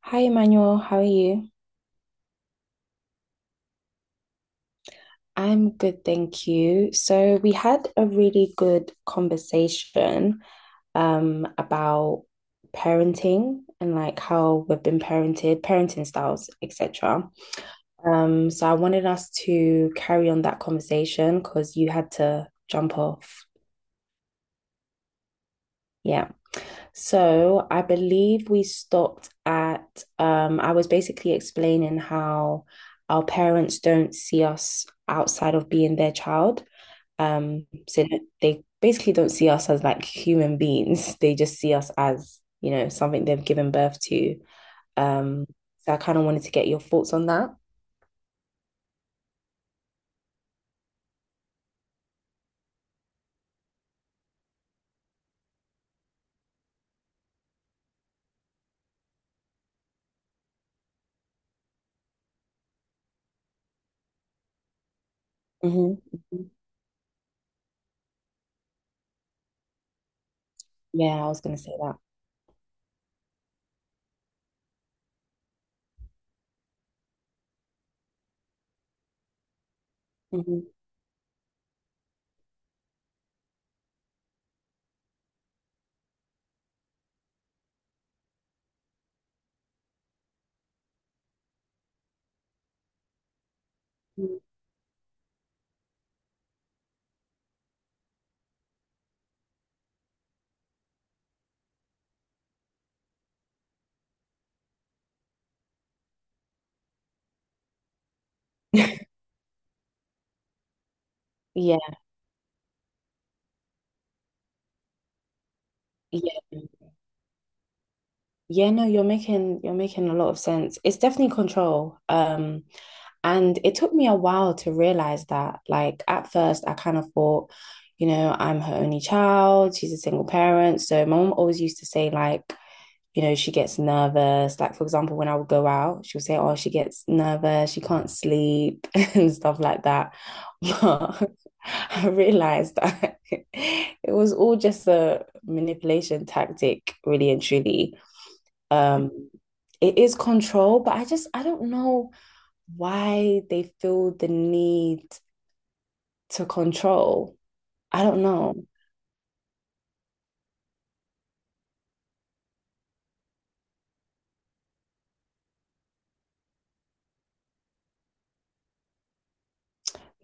Hi, Emmanuel. How are you? I'm good, thank you. So we had a really good conversation about parenting and like how we've been parented, parenting styles, etc. So I wanted us to carry on that conversation because you had to jump off. Yeah. So I believe we stopped at I was basically explaining how our parents don't see us outside of being their child. So they basically don't see us as like human beings. They just see us as, you know, something they've given birth to. Um, so I kind of wanted to get your thoughts on that. Hmm. Yeah, I was gonna say that. Hmm. Yeah, yeah. Yeah, no, you're making a lot of sense. It's definitely control. And it took me a while to realize that. Like at first, I kind of thought, you know, I'm her only child. She's a single parent, so my mom always used to say like, you know, she gets nervous. Like for example, when I would go out, she would say, "Oh, she gets nervous. She can't sleep and stuff like that." But I realized that it was all just a manipulation tactic, really and truly um, it is control, but I just I don't know why they feel the need to control. I don't know.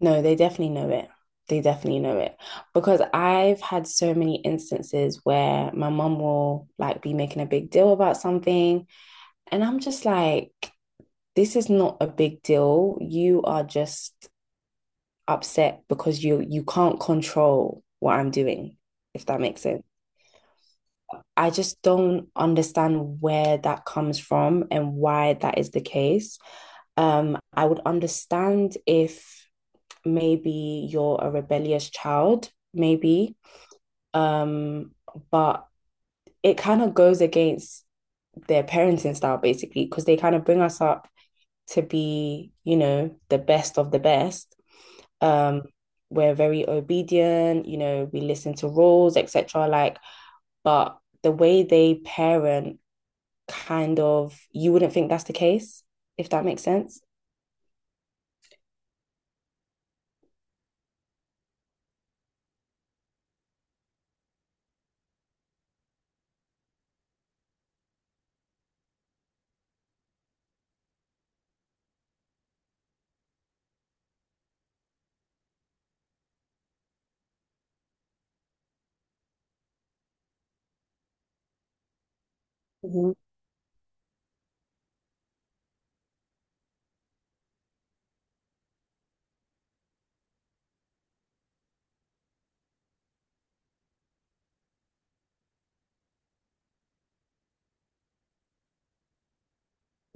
No, they definitely know it. They definitely know it because I've had so many instances where my mum will like be making a big deal about something, and I'm just like, this is not a big deal. You are just upset because you can't control what I'm doing, if that makes sense. I just don't understand where that comes from and why that is the case. I would understand if maybe you're a rebellious child, maybe, um, but it kind of goes against their parenting style basically because they kind of bring us up to be, you know, the best of the best. Um, we're very obedient, you know, we listen to rules, etc. Like, but the way they parent kind of you wouldn't think that's the case, if that makes sense. Mhm.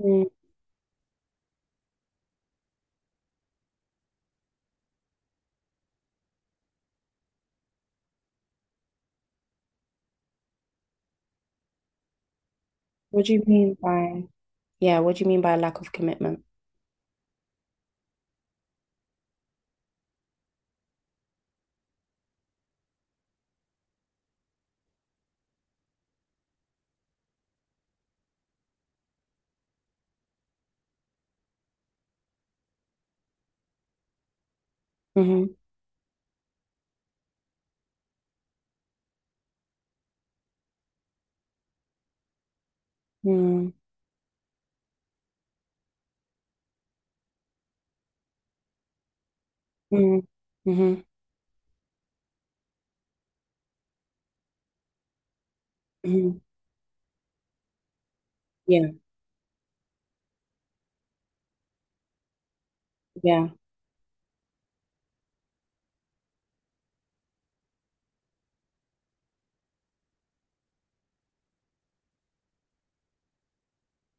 Mm. What do you mean by? Yeah, what do you mean by lack of commitment? Hmm. Mm. Mm. Hmm. Hmm. Yeah, yeah.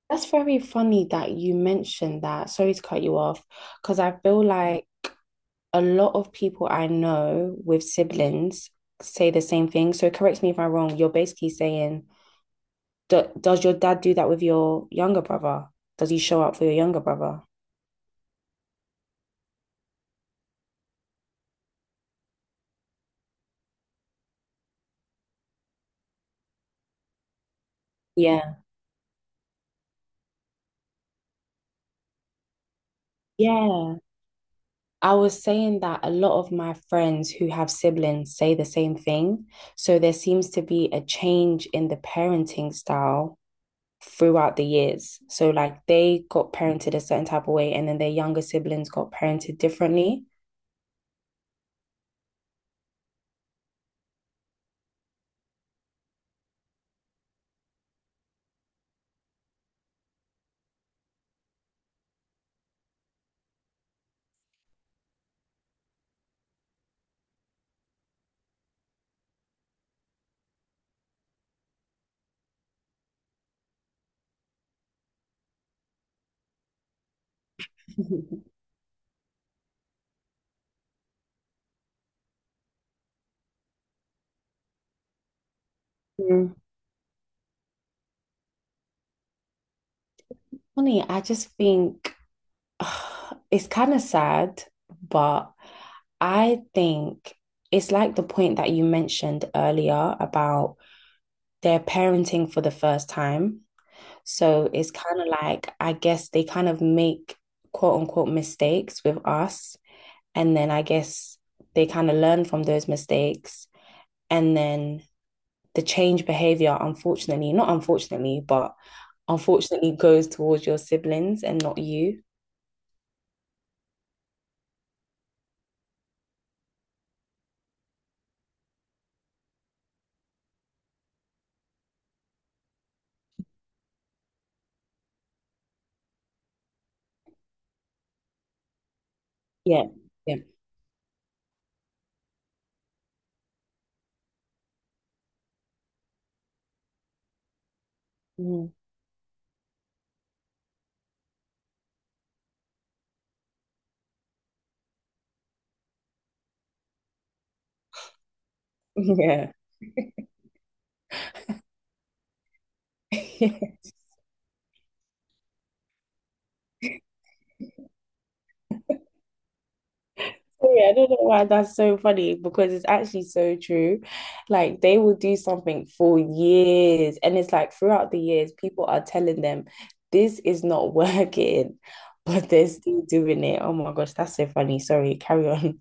That's very funny that you mentioned that. Sorry to cut you off, because I feel like a lot of people I know with siblings say the same thing. So correct me if I'm wrong. You're basically saying, do, does your dad do that with your younger brother? Does he show up for your younger brother? Yeah. Yeah. I was saying that a lot of my friends who have siblings say the same thing. So there seems to be a change in the parenting style throughout the years. So, like, they got parented a certain type of way, and then their younger siblings got parented differently. Mm. Funny, I just think it's kind of sad, but I think it's like the point that you mentioned earlier about their parenting for the first time. So it's kind of like, I guess they kind of make quote unquote mistakes with us. And then I guess they kind of learn from those mistakes. And then the change behavior, unfortunately, not unfortunately, but unfortunately goes towards your siblings and not you. Yeah. Yeah. Mm. Yeah. Sorry, I don't know why that's so funny because it's actually so true. Like they will do something for years, and it's like throughout the years, people are telling them this is not working, but they're still doing it. Oh my gosh, that's so funny. Sorry, carry on.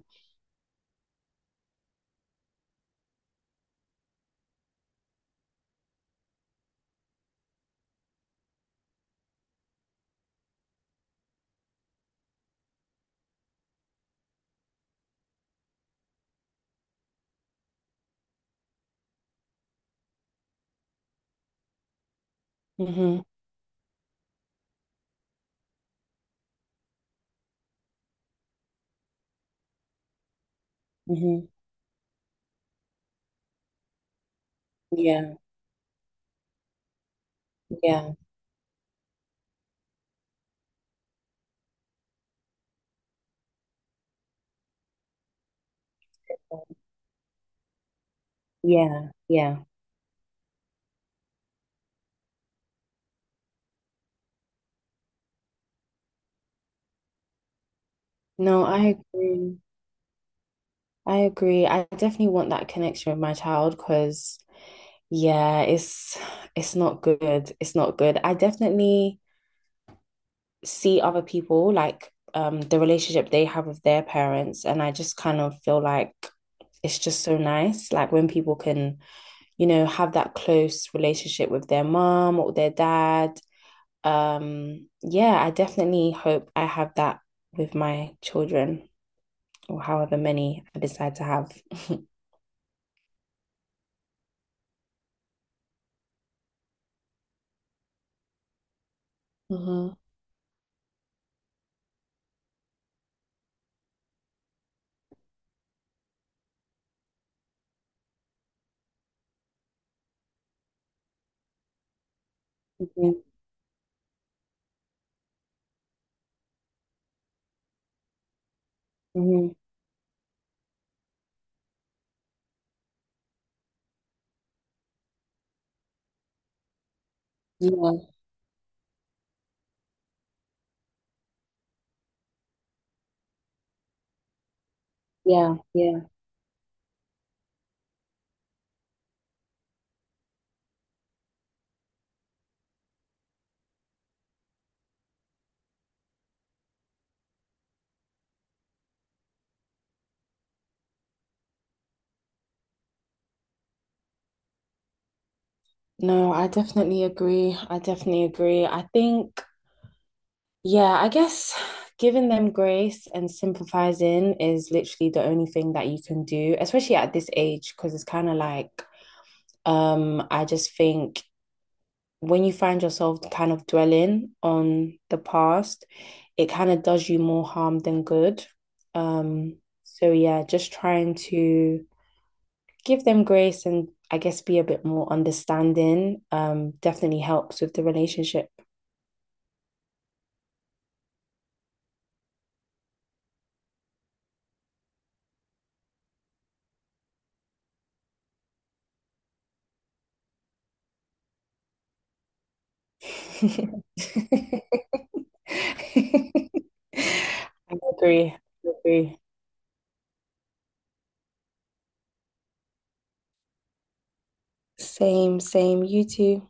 Hmm. Hmm. Yeah, yeah, yeah, yeah. No, I agree. I agree. I definitely want that connection with my child because yeah, it's not good. It's not good. I definitely see other people like the relationship they have with their parents and I just kind of feel like it's just so nice like when people can, you know, have that close relationship with their mom or their dad. Yeah, I definitely hope I have that with my children or however many I decide to have. Hmm. Mhm. Mhm. Yeah, yeah, yeah. No, I definitely agree. I definitely agree. I think, yeah, I guess giving them grace and sympathizing is literally the only thing that you can do, especially at this age, because it's kind of like, I just think when you find yourself kind of dwelling on the past, it kind of does you more harm than good. Um, so yeah, just trying to give them grace and I guess be a bit more understanding definitely helps with the relationship. I agree. I agree. Same, same. You too.